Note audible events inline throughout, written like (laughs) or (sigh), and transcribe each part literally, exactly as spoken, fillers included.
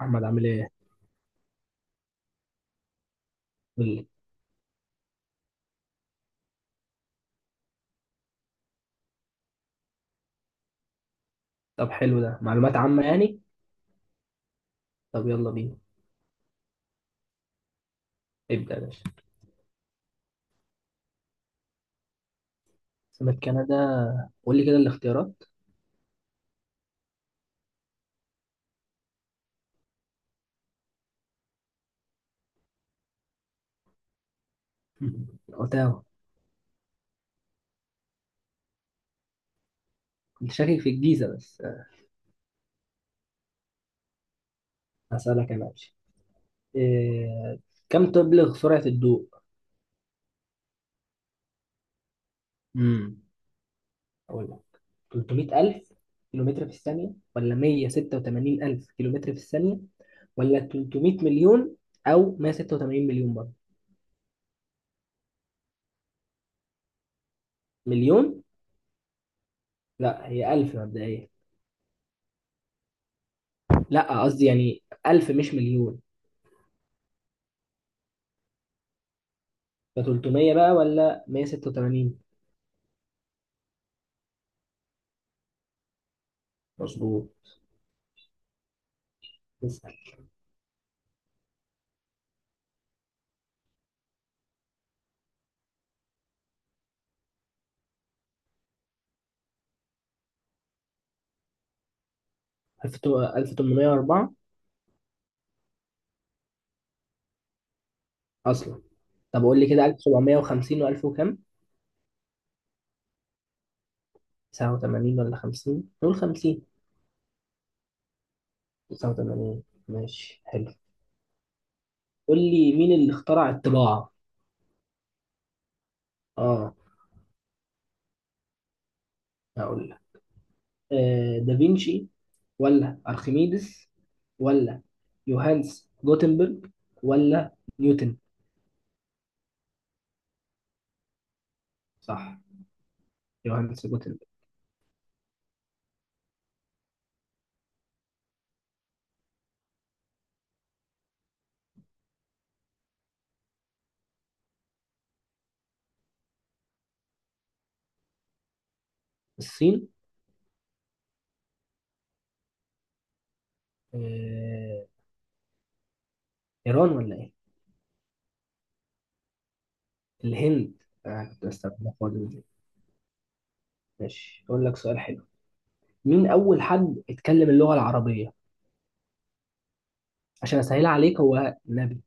محمد عامل ايه؟ قول لي. طب حلو ده معلومات عامة يعني؟ طب يلا بينا، ابدأ يا باشا. سمك كندا، قول لي كده الاختيارات. (laughs) اوتاوا. كنت شاكك في الجيزة بس. هسألك انا ماشي. إيه... كم تبلغ سرعة الضوء؟ امم اقول لك، تلتمية ألف كيلومتر في الثانية، ولا مية وستة وتمانين ألف كيلومتر في الثانية، ولا تلتمية مليون، او مية وستة وتمانين مليون برضه. مليون. لا هي ألف مبدئيا. لا قصدي يعني ألف مش مليون. ده تلتمية بقى ولا مية وستة وتمانين؟ مظبوط. اسأل. ألف وتمنمية واربعة. أصلا طب قول لي كده، ألف وسبعمائة وخمسين و1000 وكام؟ تسعة وتمانين ولا خمسين؟ نقول خمسين. تسعة وتمانين ماشي حلو. قول لي، مين اللي اخترع الطباعة؟ اه. هقول لك، آه دافينشي، ولا أرخميدس، ولا يوهانس جوتنبرج، ولا نيوتن؟ صح، يوهانس جوتنبرج. الصين. آه، إيران ولا إيه؟ الهند. آه كنت بستخدمها في وجبة دي. ماشي أقول لك سؤال حلو. مين أول حد اتكلم اللغة العربية؟ عشان أسهل عليك، هو نبي.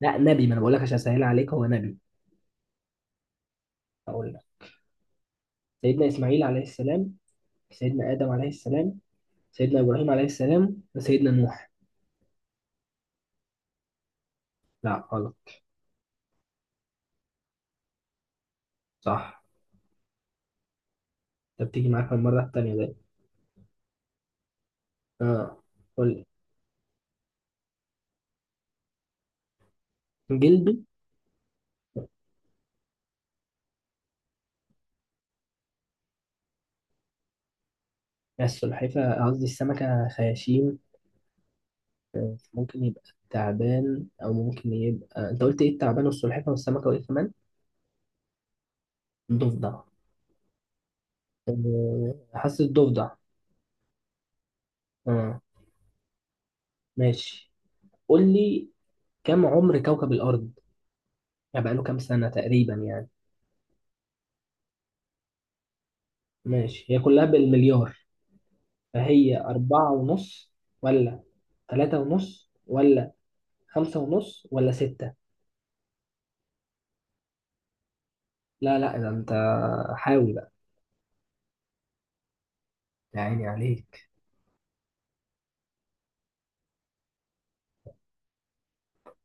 لا نبي، ما أنا بقول لك عشان أسهل عليك هو نبي. أقول لك، سيدنا إسماعيل عليه السلام، سيدنا آدم عليه السلام، سيدنا إبراهيم عليه السلام، وسيدنا نوح. لا غلط. صح. أنت بتيجي معاك المرة التانية ده. آه. قول لي. جلده؟ السلحفاة، قصدي السمكة خياشيم. آه، ممكن يبقى تعبان، أو ممكن يبقى، أنت قلت إيه؟ التعبان والسلحفاة والسمكة وإيه كمان؟ ضفدع. أه، حاسس ضفدع. اه. ماشي، قول لي، كم عمر كوكب الأرض؟ يعني بقاله كام سنة تقريبا يعني. ماشي هي كلها بالمليار. فهي أربعة ونص، ولا ثلاثة ونص، ولا خمسة ونص، ولا ستة؟ لا لا ده أنت، حاول بقى. يا عيني عليك.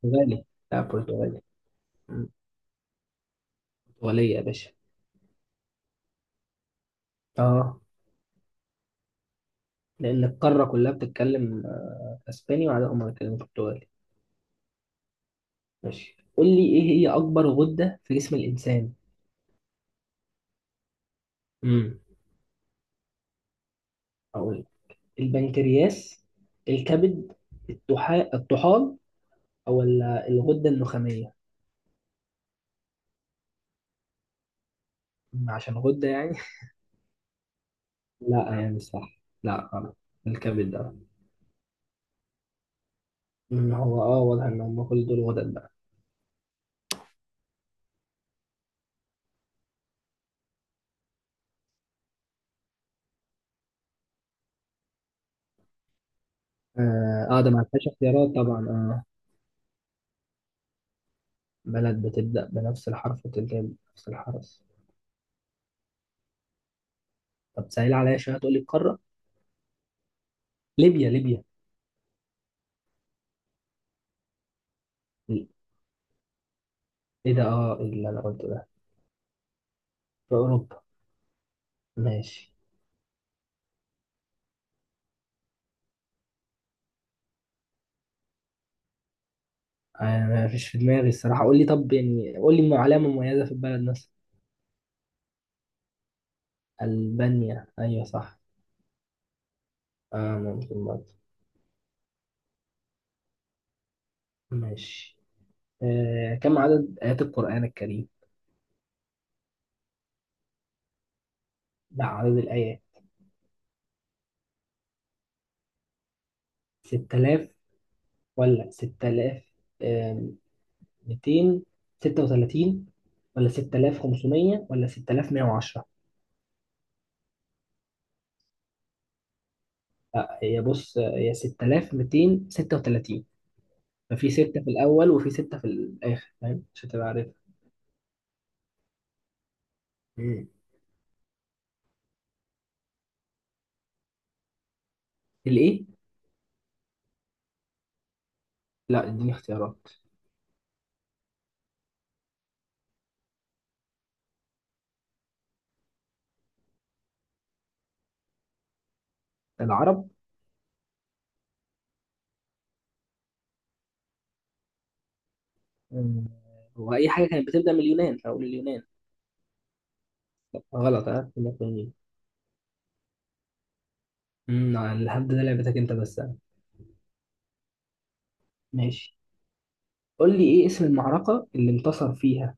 برتغالي. لا برتغالي. مم، برتغالية يا باشا. اه، لأن القارة كلها بتتكلم آه، أسباني، وعلى هم بيتكلموا برتغالي. ماشي، قول لي إيه هي أكبر غدة في جسم الإنسان؟ امم أقول، البنكرياس، الكبد، الطحا- الطحال، أو ال- الغدة النخامية. أم عشان غدة يعني. (laughs) لا يعني، صح لا غلط. الكبد ده. أم هو اه واضح ان هم كل دول غدد بقى. اه. آه، ده ما فيهاش اختيارات طبعا. اه. بلد بتبدأ بنفس الحرف وتنتهي بنفس الحرف. طب سهل عليا شوية، تقول لي القارة. ليبيا ليبيا. ايه ده، اه اللي انا قلته ده. في اوروبا. ماشي، انا ما فيش في دماغي الصراحة، قول لي طب يعني، قول لي علامة مميزة في البلد. ألبانيا، أيوة صح. آه ممكن برضه. ماشي. آه كم عدد آيات القرآن الكريم؟ لا عدد الآيات. ستة آلاف، ولا ستة آلاف ومئتين وستة وتلاتين، ولا ستة آلاف وخمسمية، ولا ستة آلاف ومائة وعشرة؟ هي بص، هي ستة آلاف ومئتين وستة وتلاتين. ففي ستة في الأول وفي ستة في الآخر، فاهم؟ مش هتبقى عارفها. مم. الإيه؟ لا اديني اختيارات. العرب. مم. هو أي حاجة كانت بتبدأ من اليونان أو اليونان. غلط ها. امم الهبد ده لعبتك انت بس. ماشي، قول لي ايه اسم المعركة اللي انتصر فيها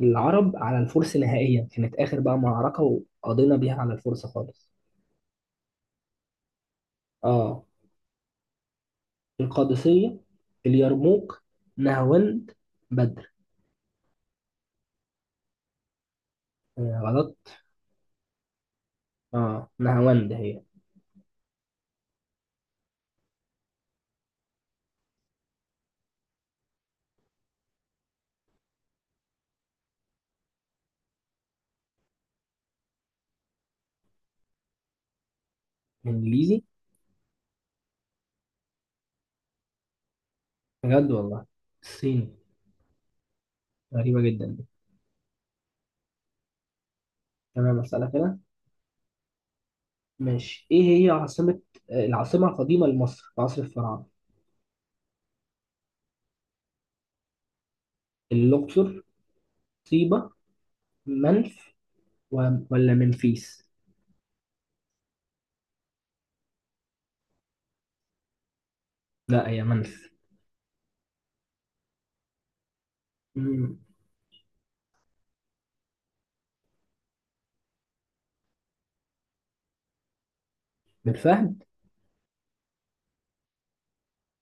العرب على الفرس نهائيا، كانت اخر بقى معركة وقضينا بيها على الفرس خالص. اه. القادسية، اليرموك، نهاوند، بدر. آه غلط. اه نهاوند هي. انجليزي. بجد والله؟ الصيني، غريبة جدا دي. تمام اسألك انا. ماشي، ايه هي عاصمة، آه، العاصمة القديمة لمصر في عصر الفراعنة؟ الاقصر، طيبة، منف، و- ولا منفيس؟ لا هي منف. مم. بالفهم.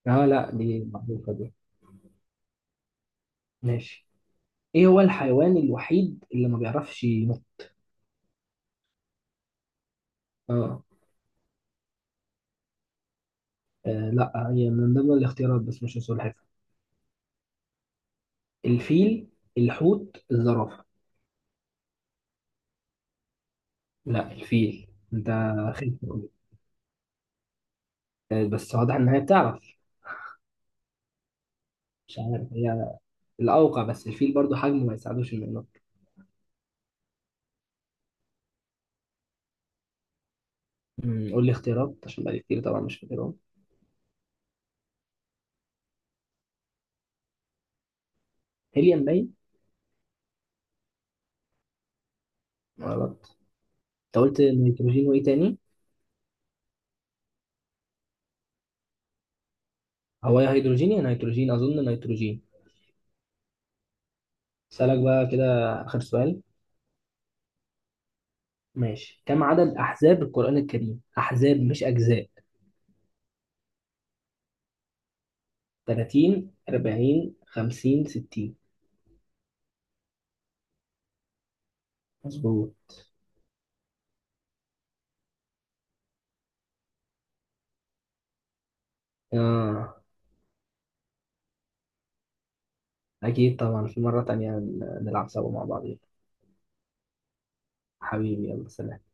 اه لا دي معروفة دي. ماشي. ايه هو الحيوان الوحيد اللي ما بيعرفش ينط؟ اه. آه، لا هي من ضمن الاختيارات بس مش السلحفاة. الفيل، الحوت، الزرافة. لا الفيل انت. خير. آه، بس واضح ان هي بتعرف. مش عارف، هي الاوقع، بس الفيل برضو حجمه ما يساعدوش انه ينط. مم، قول لي اختيارات عشان بقالي كتير طبعا مش فاكرهم. هيليوم باين. غلط. انت قلت نيتروجين وايه تاني؟ هو يا هيدروجين يا نيتروجين، أظن نيتروجين. أسألك بقى كده، آخر سؤال. ماشي، كم عدد أحزاب القرآن الكريم؟ أحزاب مش أجزاء. تلاتين، أربعين، خمسين، ستين؟ مظبوط. آه. أكيد طبعا في مرة تانية نلعب سوا مع بعض. حبيبي يلا سلام.